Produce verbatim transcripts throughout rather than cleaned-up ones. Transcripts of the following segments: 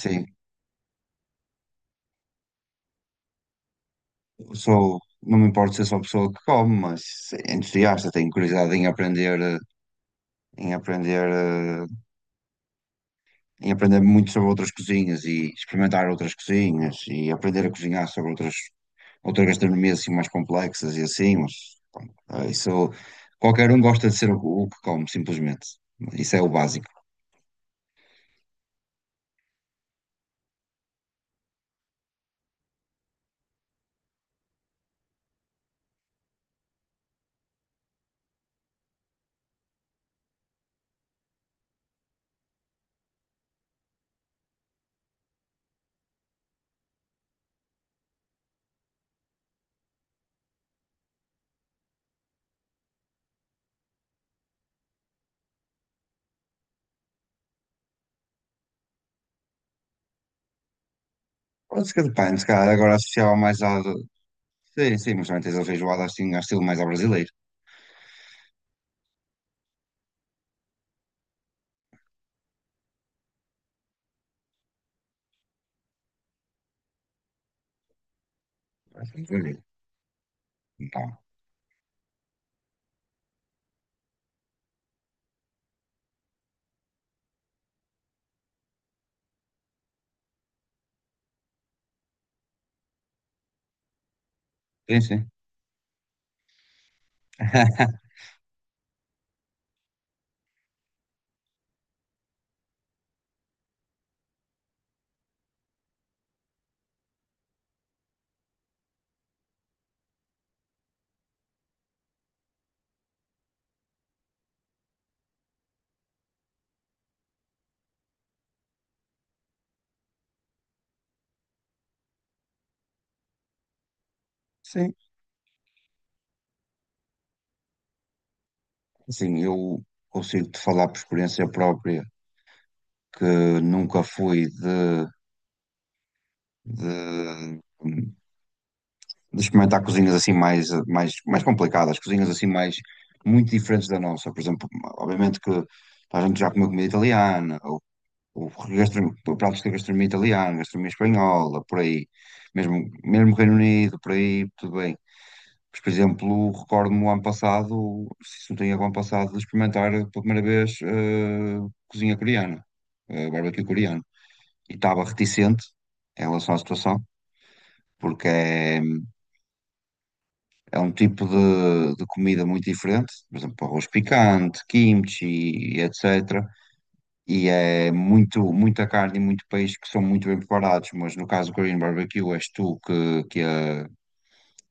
Sim, sou, não me importo ser só pessoa que come, mas é entusiasta, tenho curiosidade em aprender, eh, em aprender, eh, em aprender muito sobre outras cozinhas e experimentar outras cozinhas e aprender a cozinhar sobre outras, outras gastronomias assim mais complexas e assim, mas eh, isso qualquer um gosta de ser o, o que come, simplesmente. Isso é o básico. Pode ser que depende, se calhar agora associava mais à. Sim, sim, mas também tens a feijoada assim, ao estilo mais ao brasileiro. Não, sim, sim. Sim, assim, eu consigo-te falar por experiência própria que nunca fui de, de- de experimentar cozinhas assim mais, mais, mais complicadas, cozinhas assim mais muito diferentes da nossa. Por exemplo, obviamente que a gente já comeu comida italiana, ou, ou gastro- pratos de gastronomia italiana, gastronomia espanhola, por aí, mesmo, mesmo Reino Unido, por aí, tudo bem. Mas, por exemplo, recordo-me o ano passado, se não tenho erro, o ano passado, de experimentar pela primeira vez eh, cozinha coreana, eh, barbecue coreano. E estava reticente em relação à situação, porque é, é um tipo de, de comida muito diferente, por exemplo, arroz picante, kimchi, e etcétera. E é muito, muita carne e muito peixe que são muito bem preparados, mas no caso do Korean Barbecue és tu que, que, a,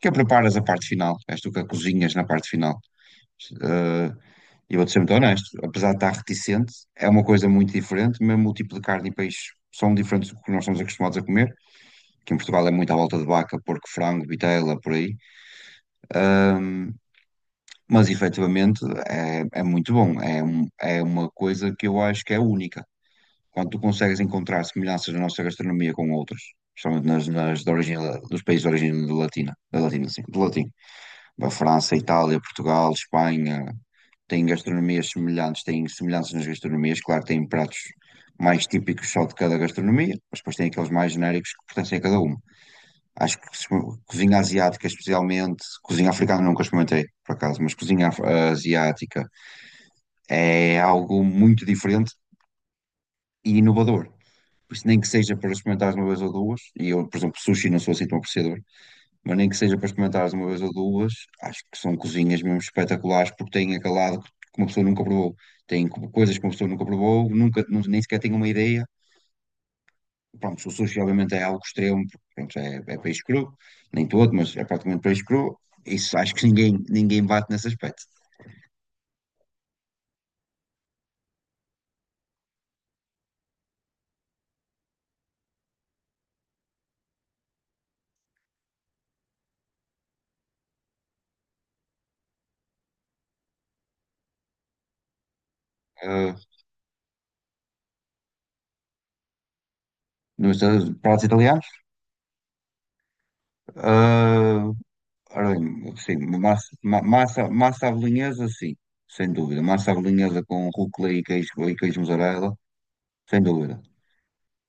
que a preparas a parte final, és tu que a cozinhas na parte final. Eh, e vou-te ser muito honesto, apesar de estar reticente, é uma coisa muito diferente, mesmo o tipo de carne e peixe são diferentes do que nós estamos acostumados a comer, que em Portugal é muito à volta de vaca, porco, frango, vitela, por aí. Ahm, mas efetivamente é, é muito bom, é, um- é uma coisa que eu acho que é única. Quando tu consegues encontrar semelhanças na nossa gastronomia com outras, principalmente nas, nas de origem, dos países de origem de latina, da latina, sim, de latim. A França, Itália, Portugal, Espanha têm gastronomias semelhantes, têm semelhanças nas gastronomias. Claro, que têm pratos mais típicos só de cada gastronomia, mas depois têm aqueles mais genéricos que pertencem a cada uma. Acho que se- Cozinha asiática, especialmente, cozinha africana nunca experimentei, por acaso, mas cozinha af- eh, asiática é algo muito diferente e inovador. Por isso, nem que seja para experimentar uma vez ou duas, e eu, por exemplo, sushi não sou assim tão apreciador, mas nem que seja para experimentares uma vez ou duas, acho que são cozinhas mesmo espetaculares porque têm aquele lado que uma pessoa nunca provou. Tem co- coisas que uma pessoa nunca provou, nunca, nu- nem sequer tem uma ideia. Pronto, o sushi obviamente é algo extremo, porque, pronto, é, é peixe cru, nem todo, mas é praticamente peixe cru. Isso acho que ninguém, ninguém bate nesse aspecto. Ah, nos eh, pratos italianos, ah, ora bem, sim, massa, ma- massa, massa à bolonhesa, sim, sem dúvida. Massa à bolonhesa com rúcula e queijo, e queijo mussarela, sem dúvida.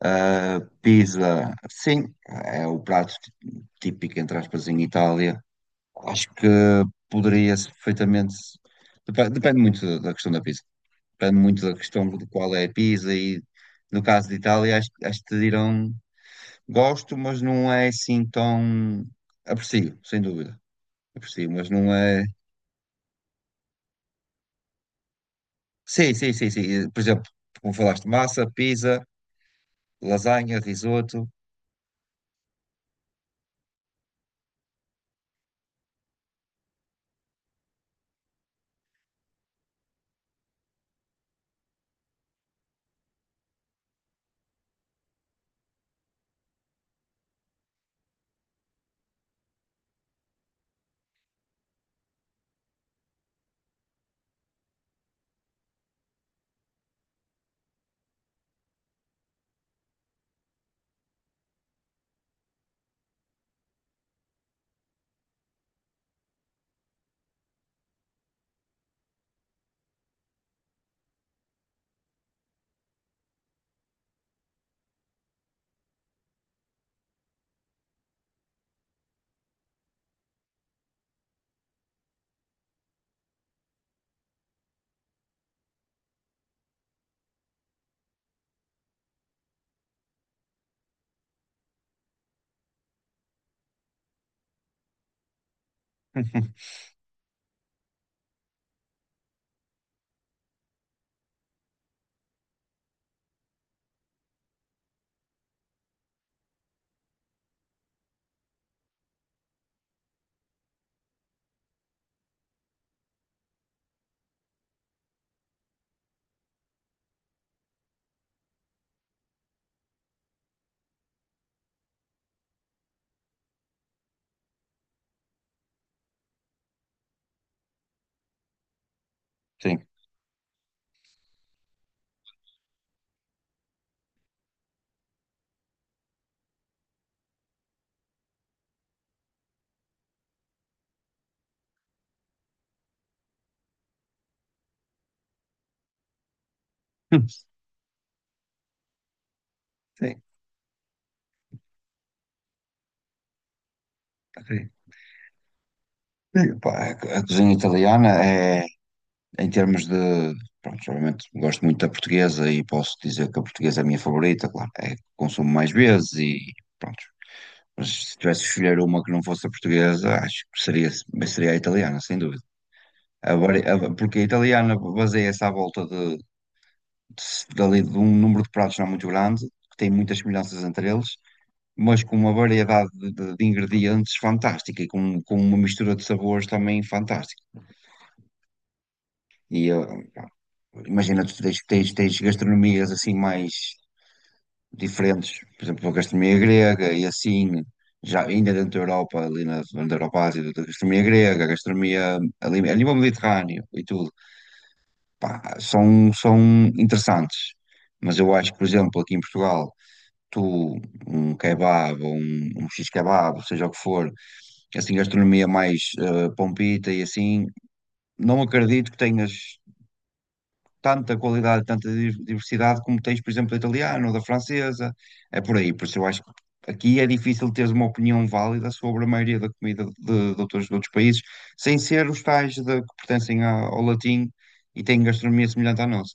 Uh, pizza, sim, é o prato tí- típico, entre aspas, em Itália. Acho que poderia-se perfeitamente. Depende, depende muito da da questão da pizza. Depende muito da questão de qual é a pizza e, no caso de Itália, acho, acho que te dirão gosto, mas não é assim tão. Aprecio, sem dúvida. Aprecio, mas não é. Sim, sim, sim, sim. Eh, Por exemplo, como falaste, massa, pizza, lasanha, risoto. Sim, sim. Ok. Sim, pá, A a cozinha italiana é, em termos de, pronto, geralmente gosto muito da portuguesa e posso dizer que a portuguesa é a minha favorita, claro, é a que consumo mais vezes e pronto. Mas se tivesse de escolher uma que não fosse a portuguesa, acho que seria, seria a italiana, sem dúvida. A vari- a- porque a italiana baseia-se à volta de, de, dali de um número de pratos não muito grande, que tem muitas semelhanças entre eles, mas com uma variedade de, de- de ingredientes fantástica e com, com uma mistura de sabores também fantástica. E eh, Imagina, tu tens, tens, tens gastronomias assim mais diferentes, por exemplo, a gastronomia grega e assim, já ainda dentro da Europa, ali na, dentro da Europa Ásia, a gastronomia grega, a gastronomia ali, a nível mediterrâneo e tudo, pá, são, são interessantes. Mas eu acho que, por exemplo, aqui em Portugal, tu, um kebab ou um, um x-kebab, seja o que for, assim, gastronomia mais eh, pompita e assim, não acredito que tenhas tanta qualidade, tanta di- diversidade como tens, por exemplo, da italiana ou da francesa. É por aí, por isso eu acho que aqui é difícil teres uma opinião válida sobre a maioria da comida de, de outros, de outros países, sem ser os tais de, que pertencem a- ao latim e têm gastronomia semelhante à nossa.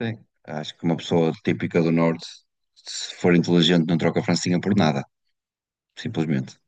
Sim. Acho que uma pessoa típica do Norte, se for inteligente, não troca a francinha por nada, simplesmente.